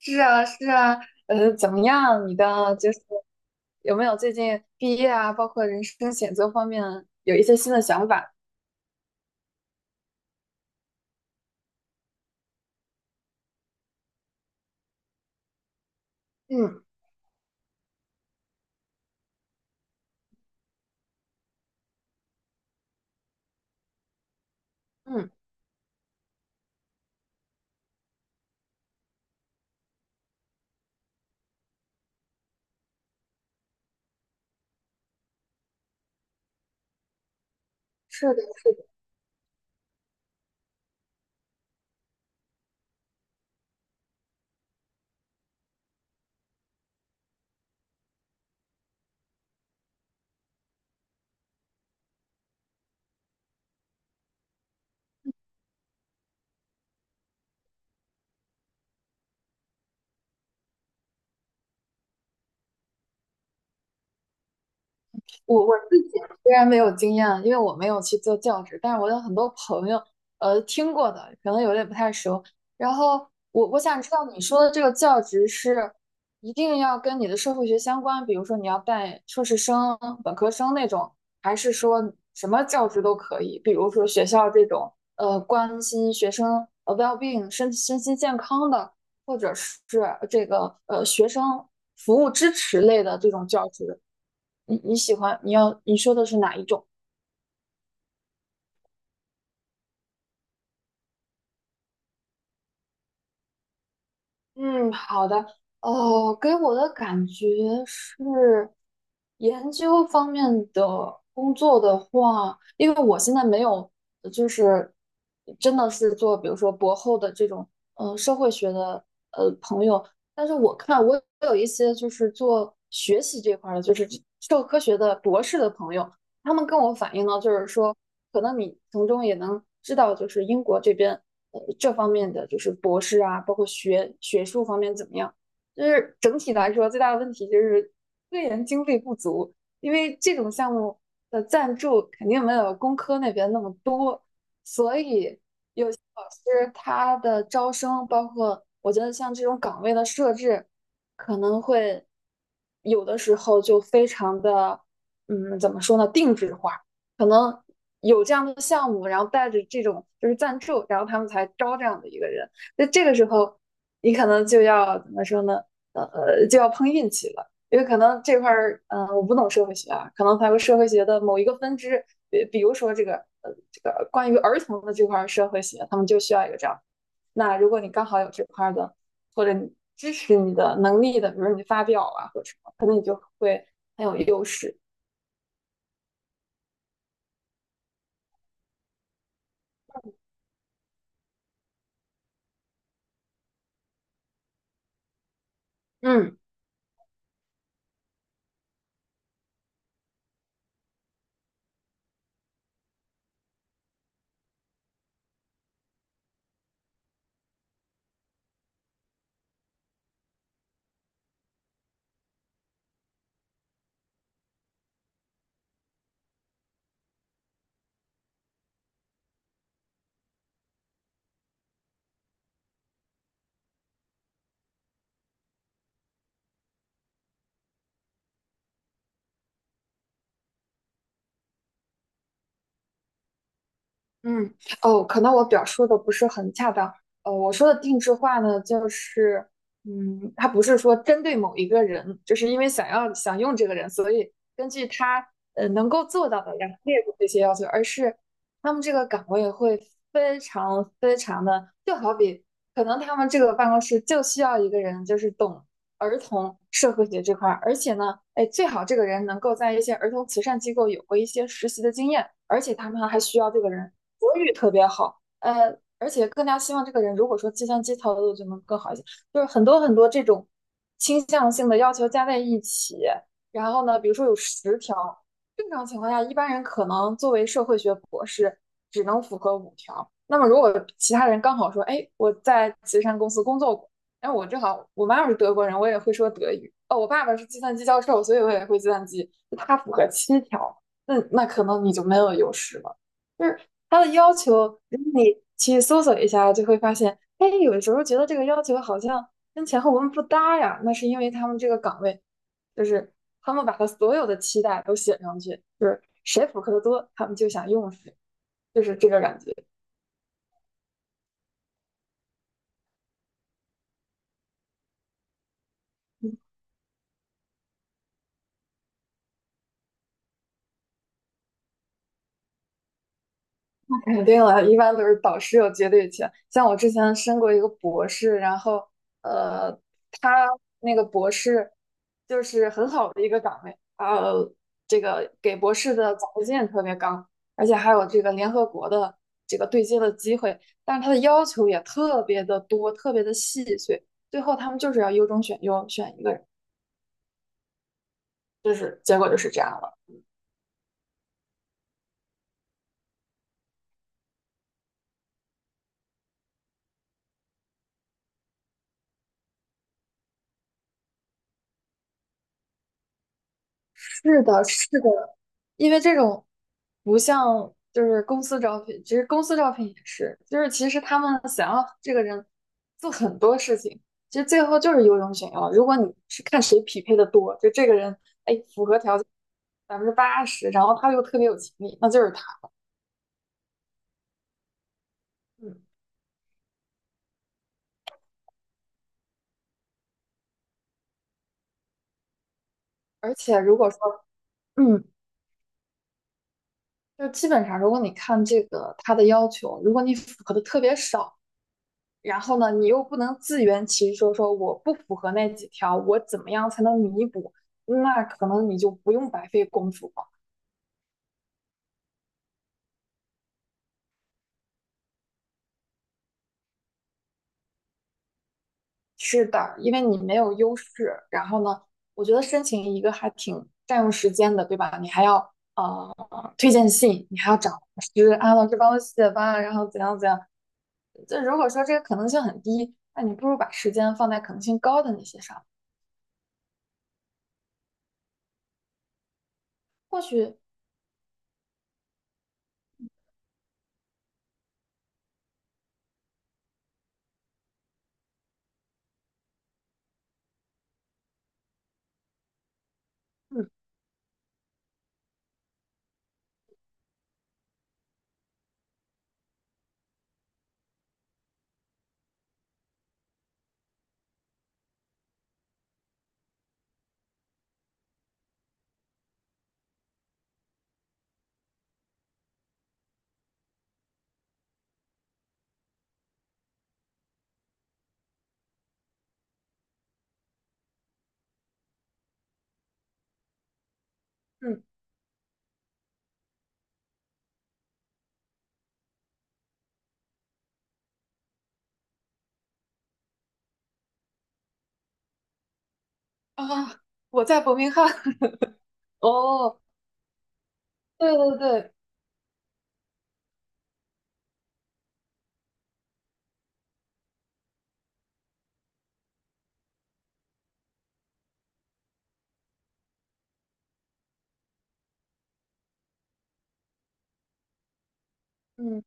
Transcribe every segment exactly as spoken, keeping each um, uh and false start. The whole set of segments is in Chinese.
是啊，是啊，呃，怎么样？你的就是有没有最近毕业啊，包括人生选择方面有一些新的想法？嗯嗯，是的，是的。我我自己虽然没有经验，因为我没有去做教职，但是我有很多朋友，呃，听过的，可能有点不太熟。然后我我想知道你说的这个教职是一定要跟你的社会学相关，比如说你要带硕士生、本科生那种，还是说什么教职都可以？比如说学校这种，呃，关心学生呃 well-being 身身心健康的，或者是这个呃学生服务支持类的这种教职。你你喜欢你要你说的是哪一种？嗯，好的。哦，给我的感觉是，研究方面的工作的话，因为我现在没有，呃就是真的是做，比如说博后的这种，呃，社会学的，呃，朋友。但是我看我有一些就是做学习这块儿的，就是社会科学的博士的朋友，他们跟我反映呢，就是说，可能你从中也能知道，就是英国这边呃这方面的就是博士啊，包括学学术方面怎么样。就是整体来说，最大的问题就是科研经费不足，因为这种项目的赞助肯定没有工科那边那么多，所以其实他的招生，包括我觉得像这种岗位的设置，可能会有的时候就非常的，嗯，怎么说呢，定制化，可能有这样的项目，然后带着这种就是赞助，然后他们才招这样的一个人。那这个时候，你可能就要怎么说呢？呃，呃就要碰运气了。因为可能这块儿，嗯、呃我不懂社会学啊，可能它有社会学的某一个分支，比比如说这个，呃，这个关于儿童的这块社会学，他们就需要一个这样。那如果你刚好有这块的，或者你支持你的能力的，比如你发表啊或者什么，可能你就会很有优势。嗯，嗯，哦，可能我表述的不是很恰当。呃，我说的定制化呢，就是，嗯，它不是说针对某一个人，就是因为想要想用这个人，所以根据他呃能够做到的，然后列入这些要求，而是他们这个岗位会非常非常的，就好比可能他们这个办公室就需要一个人，就是懂儿童社会学这块而且呢，哎，最好这个人能够在一些儿童慈善机构有过一些实习的经验，而且他们还需要这个人国语特别好，呃，而且更加希望这个人如果说计算机操作就能更好一些，就是很多很多这种倾向性的要求加在一起，然后呢，比如说有十条，正常情况下一般人可能作为社会学博士只能符合五条，那么如果其他人刚好说，哎，我在慈善公司工作然后我正好，我妈妈是德国人，我也会说德语。哦，我爸爸是计算机教授，所以我也会计算机。他符合七条，那那可能你就没有优势了。就是他的要求，你去搜索一下就会发现，哎，有的时候觉得这个要求好像跟前后文不搭呀。那是因为他们这个岗位，就是他们把他所有的期待都写上去，就是谁符合的多，他们就想用谁，就是这个感觉。肯定了，一般都是导师有绝对权。像我之前申过一个博士，然后呃，他那个博士就是很好的一个岗位，呃，这个给博士的奖学金也特别高，而且还有这个联合国的这个对接的机会，但是他的要求也特别的多，特别的细碎。最后他们就是要优中选优，选一个人，就是结果就是这样了。是的，是的，因为这种不像就是公司招聘，其实公司招聘也是，就是其实他们想要这个人做很多事情，其实最后就是优中选优。如果你是看谁匹配的多，就这个人哎符合条件百分之八十，然后他又特别有潜力，那就是他。嗯，而且如果说嗯，就基本上如果你看这个他的要求，如果你符合的特别少，然后呢，你又不能自圆其说，说我不符合那几条，我怎么样才能弥补？那可能你就不用白费功夫了。是的，因为你没有优势。然后呢，我觉得申请一个还挺占用时间的，对吧？你还要呃推荐信，你还要找老师啊，老师帮我写吧，然后怎样怎样。就如果说这个可能性很低，那你不如把时间放在可能性高的那些上。或许，嗯嗯啊，我在伯明翰。哦，对对对，嗯，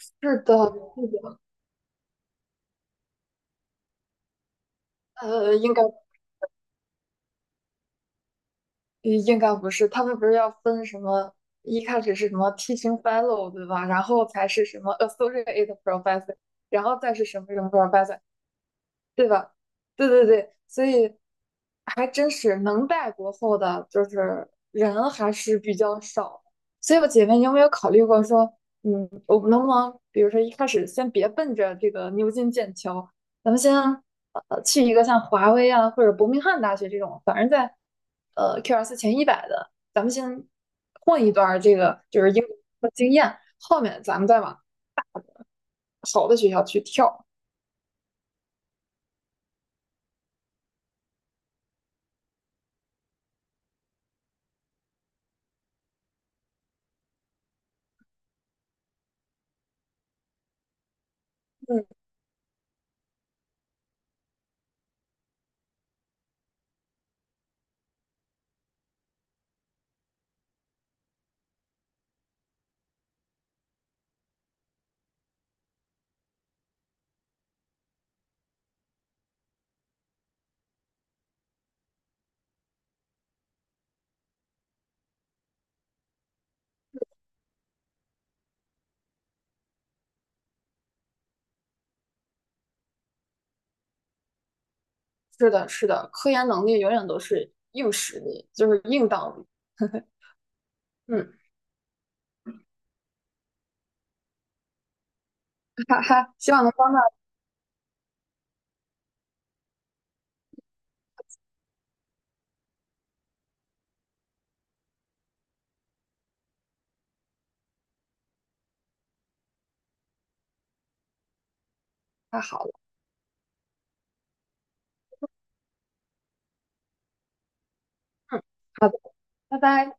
是的，是的，呃，应该嗯应该不是，他们不是要分什么，一开始是什么 teaching fellow 对吧？然后才是什么 associate professor，然后再是什么什么 professor，对吧？对对对，所以还真是能带国货的，就是人还是比较少的所以我姐妹，你有没有考虑过说，嗯，我们能不能，比如说一开始先别奔着这个牛津、剑桥，咱们先呃去一个像华威啊或者伯明翰大学这种，反正在呃 Q S 前一百的，咱们先混一段儿这个就是英国经验，后面咱们再往好的学校去跳。嗯。是的，是的，科研能力永远都是硬实力，就是硬道理。嗯，哈哈，希望能帮到他好了。嗯，好的，拜拜。